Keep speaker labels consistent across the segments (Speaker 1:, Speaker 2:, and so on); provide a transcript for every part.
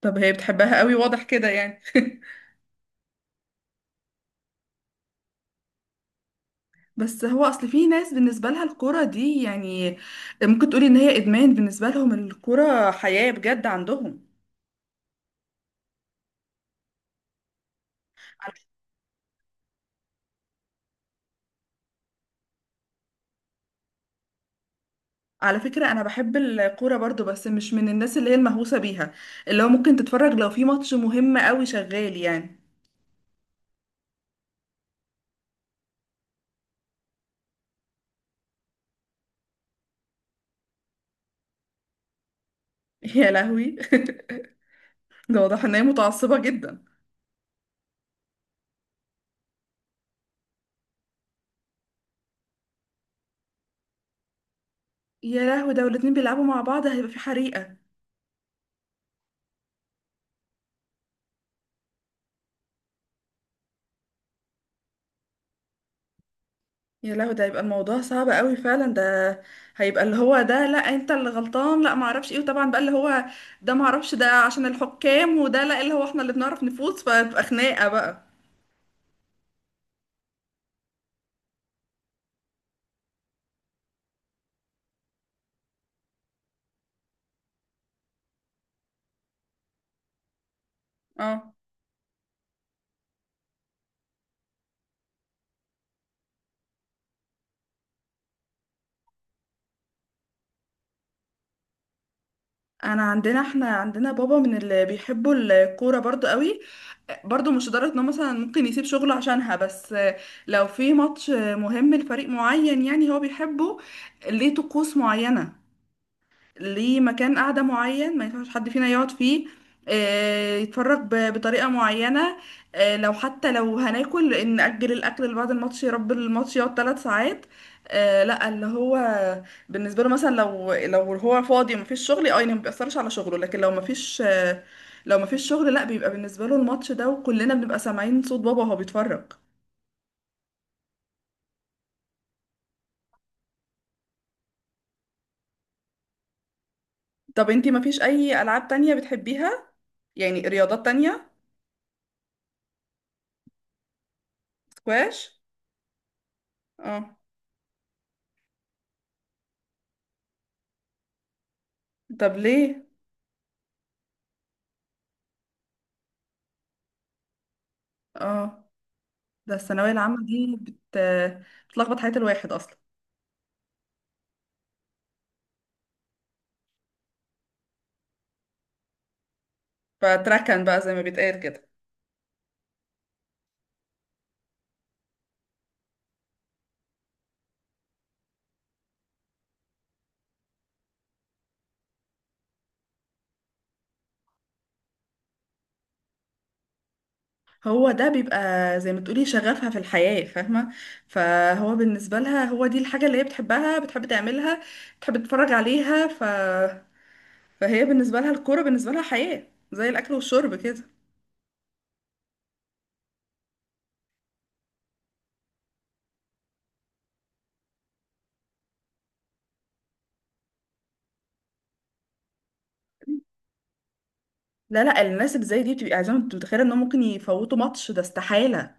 Speaker 1: طب هي بتحبها قوي، واضح كده يعني. بس هو اصل في ناس بالنسبه لها الكوره دي يعني ممكن تقولي ان هي ادمان، بالنسبه لهم الكوره حياه بجد عندهم. على على فكره انا بحب الكوره برضو، بس مش من الناس اللي هي المهووسه بيها، اللي هو ممكن تتفرج لو في ماتش مهم قوي شغال يعني. يا لهوي. ده واضح ان هي متعصبه جدا. يا لهوي، ده والاتنين بيلعبوا مع بعض هيبقى في حريقه. يا لهوي، ده هيبقى الموضوع صعب قوي فعلا. ده هيبقى اللي هو ده لا انت اللي غلطان، لا ما اعرفش ايه، وطبعا بقى اللي هو ده ما اعرفش ده عشان الحكام، وده لا اللي هو احنا اللي بنعرف نفوز، فتبقى خناقة بقى. اه، انا عندنا احنا عندنا بابا من اللي بيحبوا الكورة برضو قوي. برضو مش لدرجة انه مثلا ممكن يسيب شغله عشانها، بس لو في ماتش مهم لفريق معين يعني هو بيحبه، ليه طقوس معينة، ليه مكان قعدة معين ما ينفعش حد فينا يقعد فيه، يتفرج بطريقة معينة، لو حتى لو هناكل إن نأجل الأكل لبعد الماتش، يا رب الماتش يقعد ثلاث ساعات. لا اللي هو بالنسبة له مثلا لو هو فاضي ومفيش شغل، اه يعني ما بيأثرش على شغله، لكن لو مفيش شغل، لا بيبقى بالنسبة له الماتش ده، وكلنا بنبقى سامعين صوت بابا وهو بيتفرج. طب انتي مفيش أي ألعاب تانية بتحبيها؟ يعني رياضات تانية؟ سكواش، اه. طب ليه؟ اه، ده الثانوية العامة دي بتلخبط حياة الواحد أصلا، فتركن بقى زي ما بيتقال كده. هو ده بيبقى زي ما تقولي شغفها في الحياة، فاهمة؟ فهو بالنسبة لها هو دي الحاجة اللي هي بتحبها، بتحب تعملها، بتحب تتفرج عليها، فهي بالنسبة لها الكورة بالنسبة لها حياة زي الأكل والشرب كده. لا، لا، الناس اللي زي دي بتبقى عايزة، انت متخيلة انهم ممكن يفوتوا ماتش؟ ده استحالة.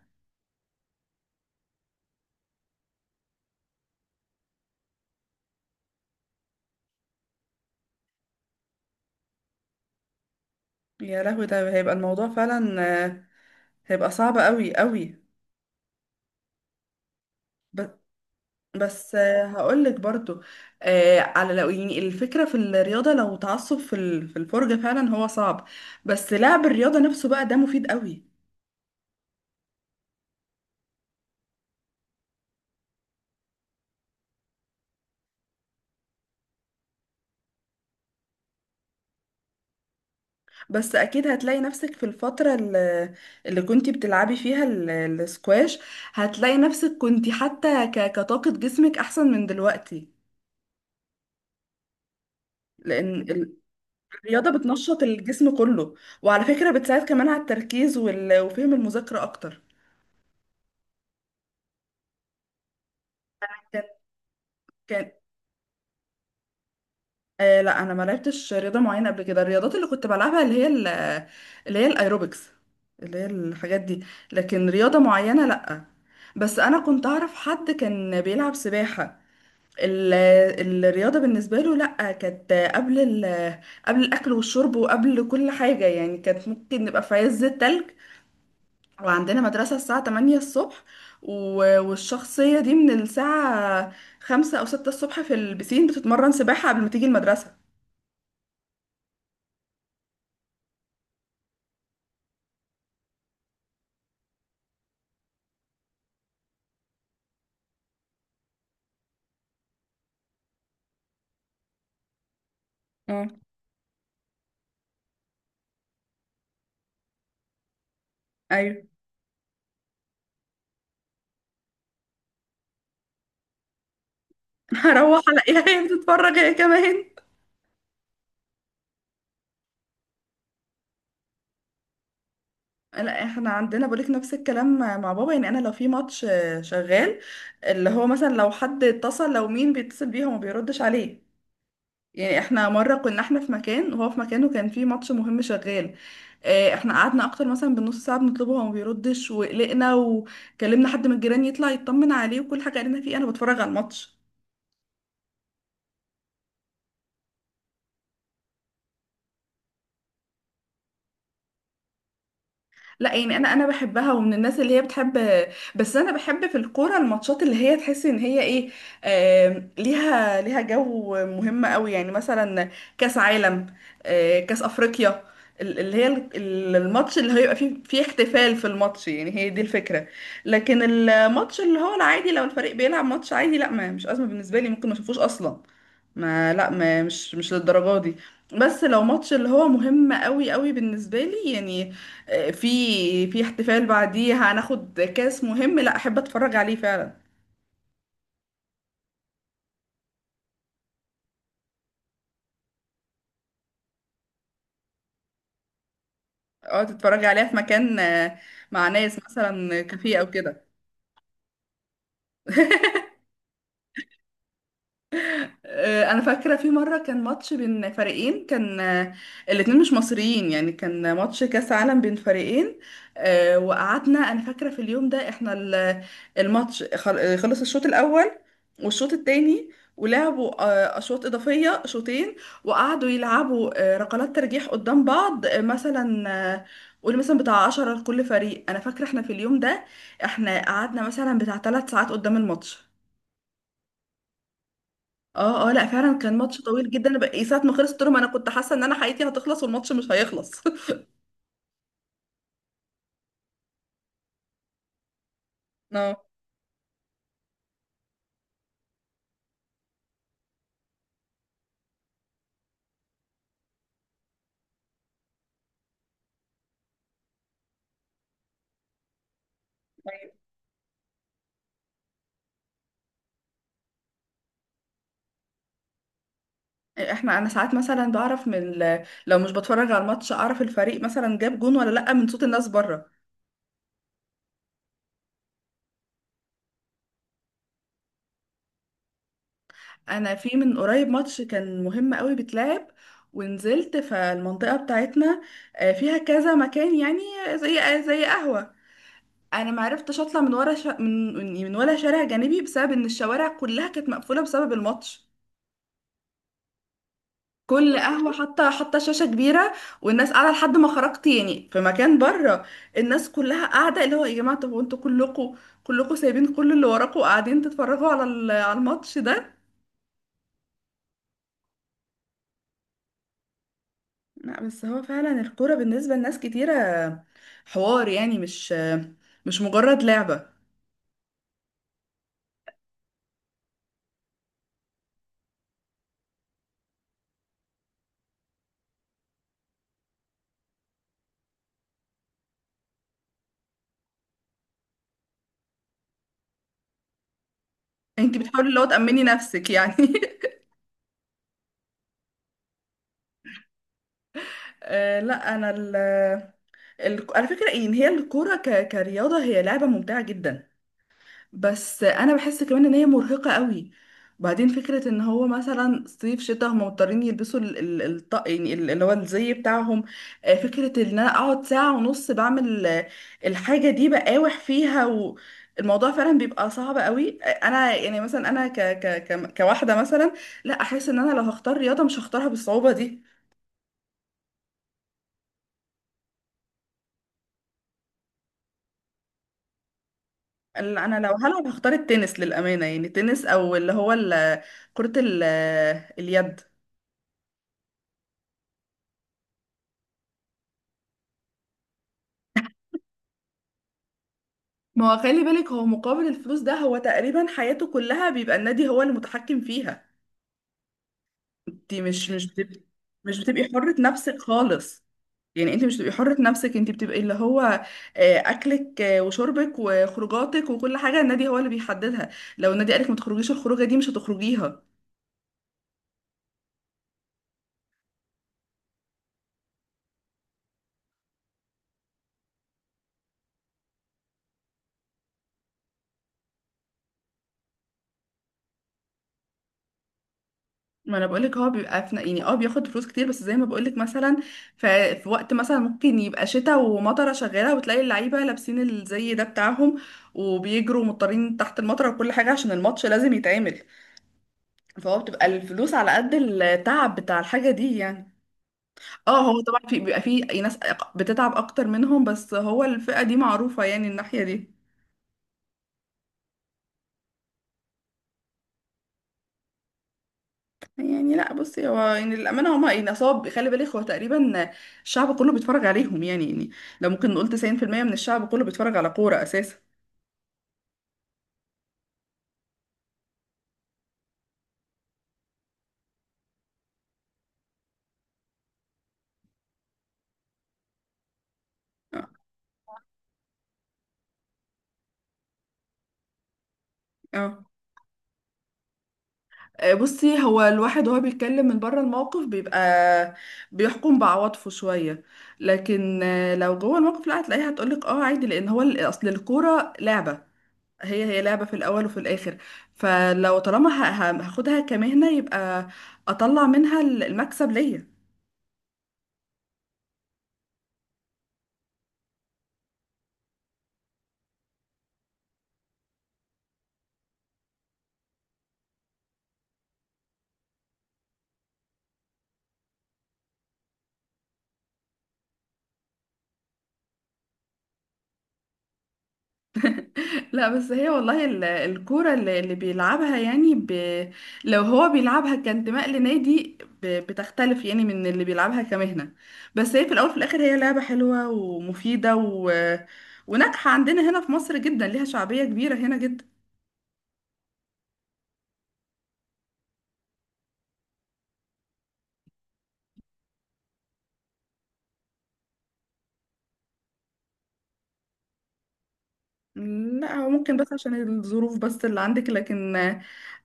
Speaker 1: يا لهوي، ده هيبقى الموضوع فعلا، هيبقى صعب قوي قوي. بس هقولك برضو، آه، على لو يعني الفكرة في الرياضة، لو تعصب في الفرجة، فعلا هو صعب، بس لعب الرياضة نفسه بقى ده مفيد قوي. بس اكيد هتلاقي نفسك في الفترة اللي كنتي بتلعبي فيها السكواش، هتلاقي نفسك كنتي حتى كطاقة جسمك احسن من دلوقتي، لان الرياضة بتنشط الجسم كله، وعلى فكرة بتساعد كمان على التركيز وفهم المذاكرة اكتر. كان كان آه لا انا ما لعبتش رياضه معينه قبل كده. الرياضات اللي كنت بلعبها اللي هي الايروبكس، اللي هي الحاجات دي، لكن رياضه معينه لا. بس انا كنت اعرف حد كان بيلعب سباحه، ال- الرياضه بالنسبه له لا، كانت قبل الاكل والشرب وقبل كل حاجه يعني. كانت ممكن نبقى في عز التلج وعندنا مدرسه الساعه 8 الصبح، و- والشخصيه دي من الساعه 5 او 6 الصبح في البسين بتتمرن سباحه قبل ما تيجي المدرسه. ايوه. هروح الاقيها هي بتتفرج هي كمان. لا، احنا عندنا بقولك نفس الكلام مع بابا. يعني انا لو في ماتش شغال، اللي هو مثلا لو حد اتصل، لو مين بيتصل بيه هو ما بيردش عليه. يعني احنا مره كنا احنا في مكان وهو في مكان، وكان في ماتش مهم شغال، احنا قعدنا اكتر مثلا بنص ساعه بنطلبه هو ما بيردش، وقلقنا وكلمنا حد من الجيران يطلع يطمن عليه، وكل حاجه قالنا فيه انا بتفرج على الماتش. لا، يعني انا بحبها ومن الناس اللي هي بتحب، بس انا بحب في الكوره الماتشات اللي هي تحس ان هي ايه، ليها جو مهم قوي، يعني مثلا كاس عالم، كاس افريقيا، ال- اللي هي ال- ال- الماتش اللي هيبقى فيه احتفال في الماتش، يعني هي دي الفكره. لكن الماتش اللي هو العادي، لو الفريق بيلعب ماتش عادي، لا ما مش ازمه بالنسبه لي، ممكن ما اشوفوش اصلا. ما لا ما مش للدرجه دي، بس لو ماتش اللي هو مهم قوي قوي بالنسبه لي يعني، آه، في في احتفال بعديه، هناخد كاس مهم، لا احب اتفرج عليه فعلا. اه، تتفرج عليها في مكان، مع ناس مثلا كافيه او كده. انا فاكره في مره كان ماتش بين فريقين، كان الاتنين مش مصريين، يعني كان ماتش كاس عالم بين فريقين، وقعدنا. انا فاكره في اليوم ده احنا الماتش خلص الشوط الاول والشوط التاني، ولعبوا اشواط اضافيه شوطين، وقعدوا يلعبوا ركلات ترجيح قدام بعض، مثلا، آه، قول مثلا بتاع 10 لكل فريق. انا فاكره احنا في اليوم ده، احنا قعدنا مثلا بتاع 3 ساعات قدام الماتش. اه اه، لا فعلا كان ماتش طويل جدا، انا بقى- إيه، ساعة ما خلص تورم انا كنت حاسة ان انا حياتي هتخلص والماتش مش هيخلص. اه، احنا انا ساعات مثلا بعرف لو مش بتفرج على الماتش اعرف الفريق مثلا جاب جون ولا لا من صوت الناس بره. انا في من قريب ماتش كان مهم قوي بيتلعب، ونزلت فالمنطقة بتاعتنا، فيها كذا مكان يعني، زي قهوة. انا ما عرفتش اطلع من ورا شا... من من ولا شارع جانبي بسبب ان الشوارع كلها كانت مقفولة بسبب الماتش. كل قهوة حاطة حاطة شاشة كبيرة، والناس قاعدة لحد ما خرجت يعني. في مكان بره الناس كلها قاعدة اللي هو، يا جماعة طب وانتوا كلكوا سايبين كل اللي وراكوا وقاعدين تتفرجوا على الماتش ده؟ لا، بس هو فعلا الكورة بالنسبة لناس كتيرة حوار، يعني مش مجرد لعبة. انت بتحاولي اللي هو تأمني نفسك يعني. لا انا على فكرة ان هي الكورة كرياضة هي لعبة ممتعة جدا، بس انا بحس كمان ان هي مرهقة قوي. وبعدين فكرة ان هو مثلا صيف شتاء هم مضطرين يلبسوا ال- ال- الطق يعني اللي هو الزي بتاعهم، فكرة ان انا اقعد ساعة ونص بعمل الحاجة دي بقاوح فيها، والموضوع فعلا بيبقى صعب قوي. انا يعني مثلا انا كواحدة مثلا، لا احس ان انا لو هختار رياضة مش هختارها بالصعوبة دي. انا لو هلعب هختار التنس، للأمانة، يعني التنس او اللي هو كرة اليد. ما هو خلي بالك، هو مقابل الفلوس ده هو تقريبا حياته كلها بيبقى النادي هو اللي متحكم فيها. انت مش بتبقي حرة نفسك خالص، يعني انت مش بتبقي حرة نفسك، انت بتبقي اللي هو اكلك وشربك وخروجاتك وكل حاجة النادي هو اللي بيحددها. لو النادي قالك ما تخرجيش الخروجة دي مش هتخرجيها. ما انا بقولك هو بيبقى في، يعني اه بياخد فلوس كتير، بس زي ما بقولك مثلا في وقت مثلا ممكن يبقى شتاء ومطره شغاله، وتلاقي اللعيبه لابسين الزي ده بتاعهم، وبيجروا مضطرين تحت المطره وكل حاجه عشان الماتش لازم يتعمل، فهو بتبقى الفلوس على قد التعب بتاع الحاجه دي يعني. اه، هو طبعا في بيبقى في ناس بتتعب اكتر منهم، بس هو الفئه دي معروفه يعني، الناحيه دي. يعني لا، بصي هو يعني للأمانة هما يعني نصاب، خلي بالك هو تقريبا الشعب كله بيتفرج عليهم، يعني لو ممكن نقول 90% من الشعب كله بيتفرج على كورة أساسا. اه. آه. بصي، هو الواحد وهو بيتكلم من بره الموقف بيبقى بيحكم بعواطفه شوية، لكن لو جوه الموقف لا، هتلاقيها هتقولك اه عادي، لأن هو أصل الكورة لعبة، هي لعبة في الأول وفي الآخر، فلو طالما هاخدها كمهنة يبقى أطلع منها المكسب ليا. لا، بس هي والله الكورة اللي بيلعبها يعني لو هو بيلعبها كانتماء لنادي بتختلف يعني من اللي بيلعبها كمهنة. بس هي في الأول في الآخر هي لعبة حلوة ومفيدة و... وناجحة عندنا هنا في مصر جدا، ليها شعبية كبيرة هنا جدا. لا، هو ممكن، بس عشان الظروف بس اللي عندك، لكن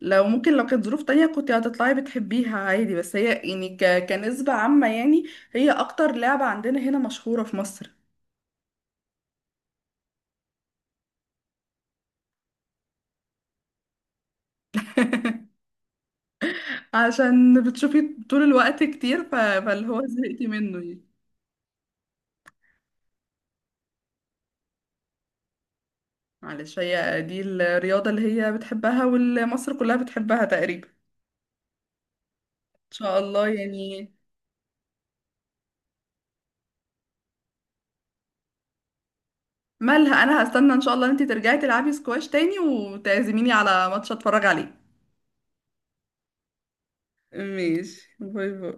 Speaker 1: لو كانت ظروف تانية كنت هتطلعي بتحبيها عادي، بس هي يعني كنسبة عامة يعني هي أكتر لعبة عندنا هنا مشهورة في مصر. عشان بتشوفي طول الوقت كتير، فاللي هو زهقتي منه يعني. معلش، هي دي الرياضة اللي هي بتحبها والمصر كلها بتحبها تقريبا، ان شاء الله يعني. مالها، انا هستنى ان شاء الله انتي ترجعي تلعبي سكواش تاني وتعزميني على ماتش اتفرج عليه. ماشي، باي باي.